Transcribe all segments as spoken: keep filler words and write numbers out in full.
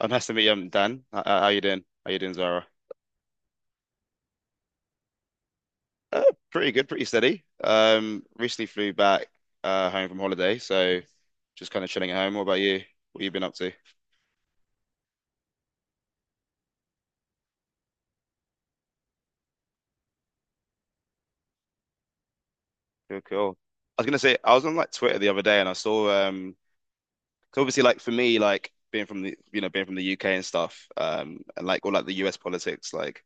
Oh, nice to meet you, um, Dan. How, how you doing? How you doing, Zara? Uh, pretty good, pretty steady. Um, recently flew back uh, home from holiday, so just kind of chilling at home. What about you? What you been up to? Cool, cool. I was gonna say I was on like Twitter the other day and I saw um 'cause obviously like for me like being from the you know being from the U K and stuff um and like all like the U S politics like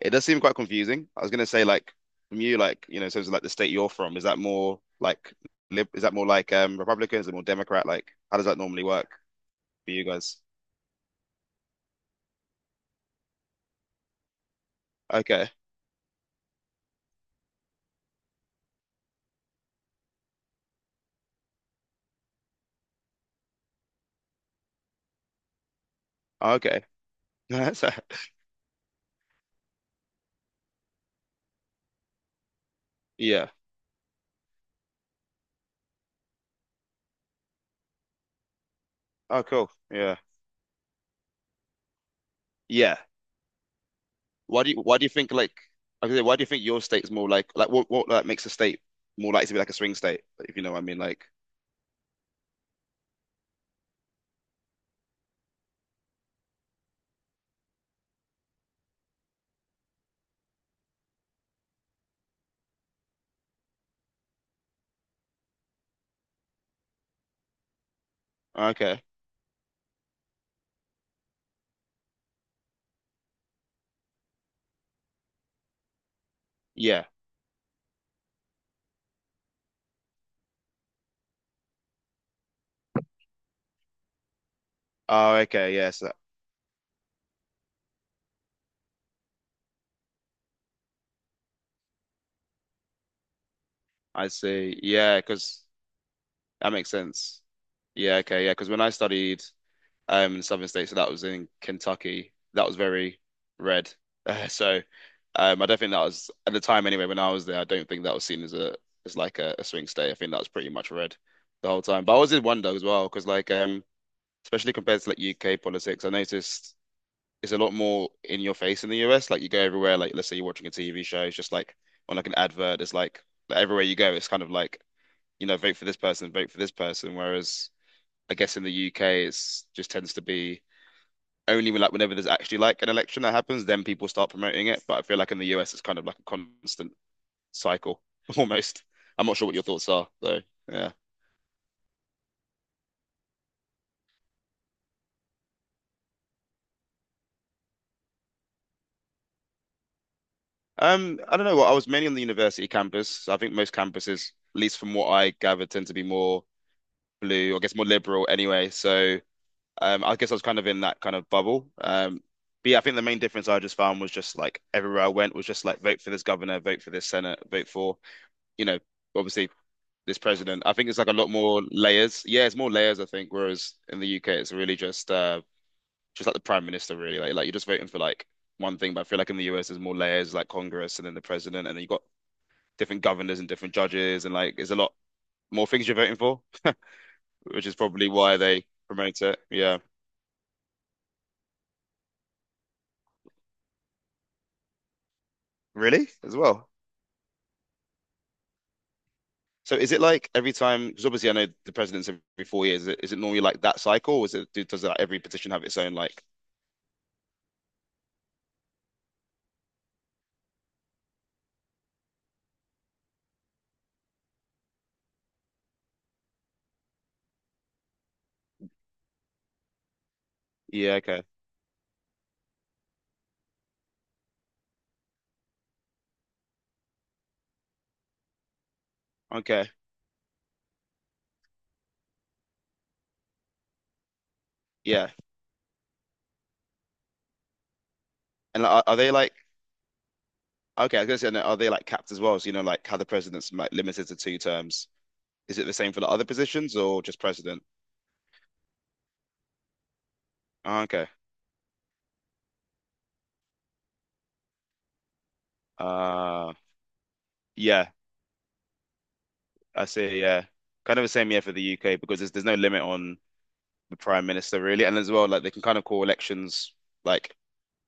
it does seem quite confusing. I was gonna say, like from you like you know in terms of like the state you're from, is that more like lib, is that more like um Republican, is it more Democrat? Like how does that normally work for you guys? Okay. Oh, okay. That's- a- yeah. Oh cool, yeah. Yeah, why do you why do you think like, I was gonna say, why do you think your state's more like like what what like makes a state more likely to be like a swing state, if you know what I mean? Like okay. Yeah. Oh, okay. Yes, uh, I see. Yeah, because that makes sense. Yeah, okay. Yeah, because when I studied um in Southern States, so that was in Kentucky, that was very red. So um, I don't think that was, at the time anyway, when I was there, I don't think that was seen as a as like a, a swing state. I think that was pretty much red the whole time. But I always did wonder as well, because like um, especially compared to like U K politics, I noticed it's a lot more in your face in the U S. Like you go everywhere, like let's say you're watching a T V show, it's just like on like an advert, it's like, like, everywhere you go, it's kind of like, you know, vote for this person, vote for this person. Whereas I guess in the U K it's just tends to be only when, like whenever there's actually like an election that happens, then people start promoting it. But I feel like in the U S it's kind of like a constant cycle almost. I'm not sure what your thoughts are though. Yeah. Um, I don't know. Well, I was mainly on the university campus. I think most campuses, at least from what I gathered, tend to be more blue, or I guess more liberal anyway. So um, I guess I was kind of in that kind of bubble. Um, but yeah, I think the main difference I just found was just like everywhere I went was just like vote for this governor, vote for this senate, vote for, you know, obviously this president. I think it's like a lot more layers. Yeah, it's more layers, I think, whereas in the U K it's really just uh just like the prime minister really. Like like you're just voting for like one thing, but I feel like in the U S there's more layers like Congress and then the president, and then you've got different governors and different judges, and like there's a lot more things you're voting for, which is probably why they promote it. Yeah. Really? As well? So is it like every time, because obviously I know the president's every four years, is it, is it normally like that cycle, or is it, do- does like every petition have its own like, yeah, okay, okay, yeah. And like, are, are they like, okay, I was gonna say, no, are they like capped as well? So, you know, like how the president's like limited to two terms. Is it the same for the other positions or just president? Ah, okay. Uh, yeah, I see, yeah. Kind of the same, yeah, for the U K because there's, there's no limit on the prime minister really. And as well, like they can kind of call elections like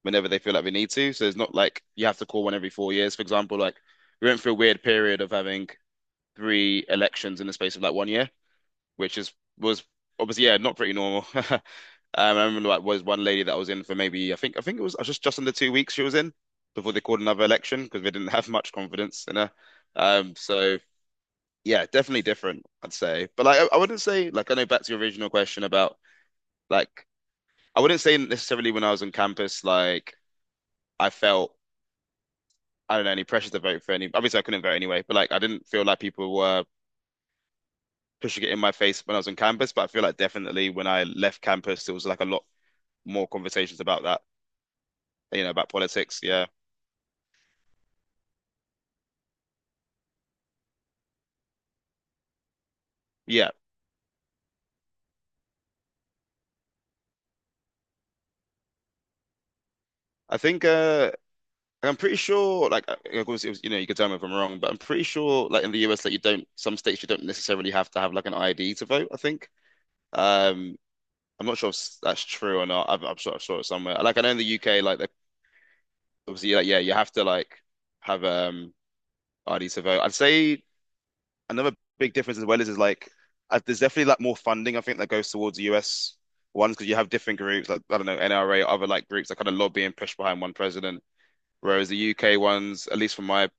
whenever they feel like we need to. So it's not like you have to call one every four years, for example. Like we went through a weird period of having three elections in the space of like one year, which is was obviously yeah not pretty normal. um, I remember like was one lady that was in for maybe, I think I think it was just just under two weeks she was in before they called another election because they didn't have much confidence in her. Um, so yeah, definitely different, I'd say. But like I, I wouldn't say like I know, back to your original question about like I wouldn't say necessarily when I was on campus like I felt I don't know, any pressure to vote for any. Obviously, I couldn't vote anyway, but like I didn't feel like people were pushing it in my face when I was on campus. But I feel like definitely when I left campus, there was like a lot more conversations about that, you know, about politics. Yeah, yeah. I think uh, I'm pretty sure, like, uh, of course, it was, you know, you could tell me if I'm wrong, but I'm pretty sure, like in the U S, that you don't, some states you don't necessarily have to have like an I D to vote, I think. Um, I'm not sure if that's true or not. I'm, I'm sure I saw it somewhere. Like I know in the U K, like the, obviously, like yeah, you have to like have um. I D to vote. I'd say another big difference as well is is like uh, there's definitely like more funding I think that goes towards the U S ones because you have different groups, like I don't know, N R A, other like groups that kind of lobby and push behind one president, whereas the U K ones, at least from my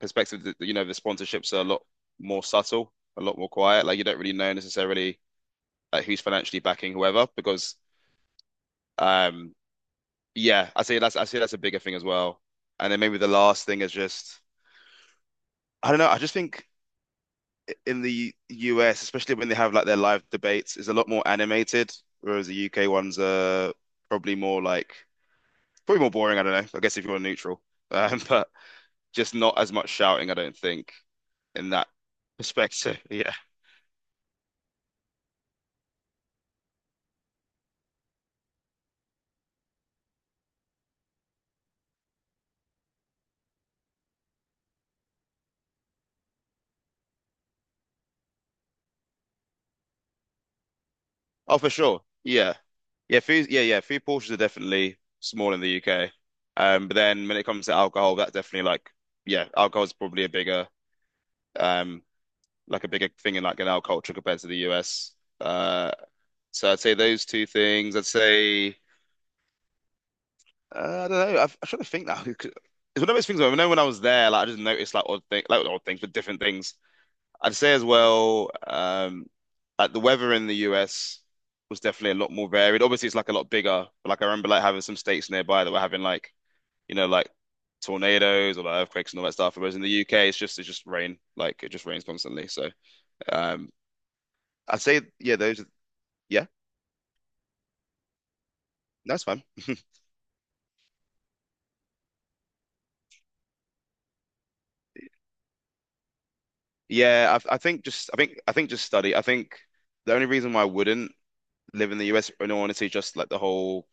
perspective, the, you know, the sponsorships are a lot more subtle, a lot more quiet. Like you don't really know necessarily like who's financially backing whoever, because um yeah, I say that's I say that's a bigger thing as well. And then maybe the last thing is just I don't know, I just think in the U S, especially when they have like their live debates, is a lot more animated, whereas the U K ones are probably more like probably more boring. I don't know, I guess if you're neutral, um, but just not as much shouting, I don't think, in that perspective. Yeah. Oh, for sure. Yeah. Yeah. Food. Yeah. Yeah. Food portions are definitely small in the U K. Um, but then when it comes to alcohol, that's definitely like yeah, alcohol is probably a bigger um like a bigger thing in like in our culture compared to the U S. Uh, So I'd say those two things. I'd say uh, I don't know. I've, I'm trying to think now. It's one of those things where I know when I was there, like I just noticed like odd things, like odd things, but different things. I'd say as well, um, like the weather in the U S was definitely a lot more varied. Obviously, it's like a lot bigger, but like I remember like having some states nearby that were having like you know like tornadoes or like earthquakes and all that stuff. Whereas in the U K, it's just it's just rain, like it just rains constantly. So um, I'd say yeah, those. are- yeah, that's fine. Yeah, I, I think just I think I think just study. I think the only reason why I wouldn't live in the U S, in all honesty, just like the whole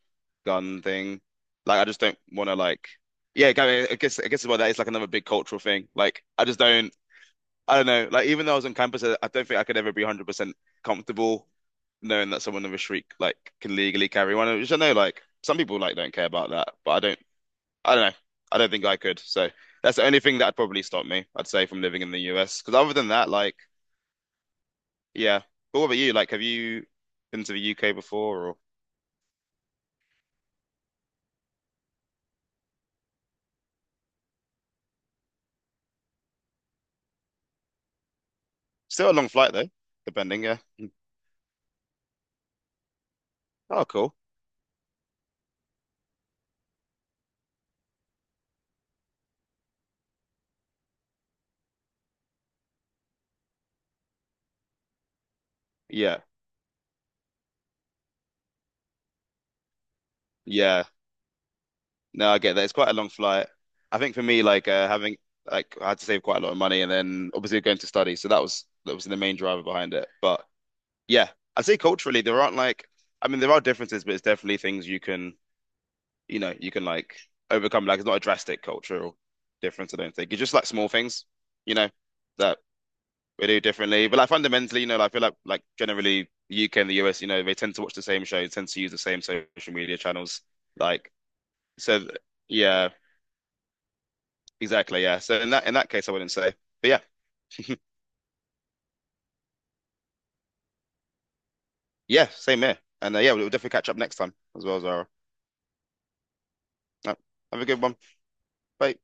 gun thing. Like I just don't want to like. Yeah, I I guess I guess about that it's like another big cultural thing. Like I just don't. I don't know. Like even though I was on campus, I, I don't think I could ever be one hundred percent comfortable knowing that someone of a shriek like can legally carry one. Which I know like some people like don't care about that, but I don't. I don't know. I don't think I could. So that's the only thing that would probably stop me, I'd say, from living in the U S. Because other than that, like. Yeah. But what about you? Like, have you been to the U K before or still a long flight though, depending, yeah. Mm. Oh, cool. Yeah. Yeah. No, I get that. It's quite a long flight. I think for me, like uh, having like I had to save quite a lot of money and then obviously going to study. So that was that was the main driver behind it. But yeah, I'd say culturally there aren't like I mean there are differences, but it's definitely things you can you know, you can like overcome. Like it's not a drastic cultural difference, I don't think. It's just like small things, you know, that we do differently. But like fundamentally, you know, like, I feel like like generally the U K and the U S, you know, they tend to watch the same shows, tend to use the same social media channels. Like so, yeah, exactly, yeah. So in that in that case, I wouldn't say, but yeah, yeah, same here. And uh, yeah, we'll definitely catch up next time as well, Zara. Uh, Have a good one. Bye.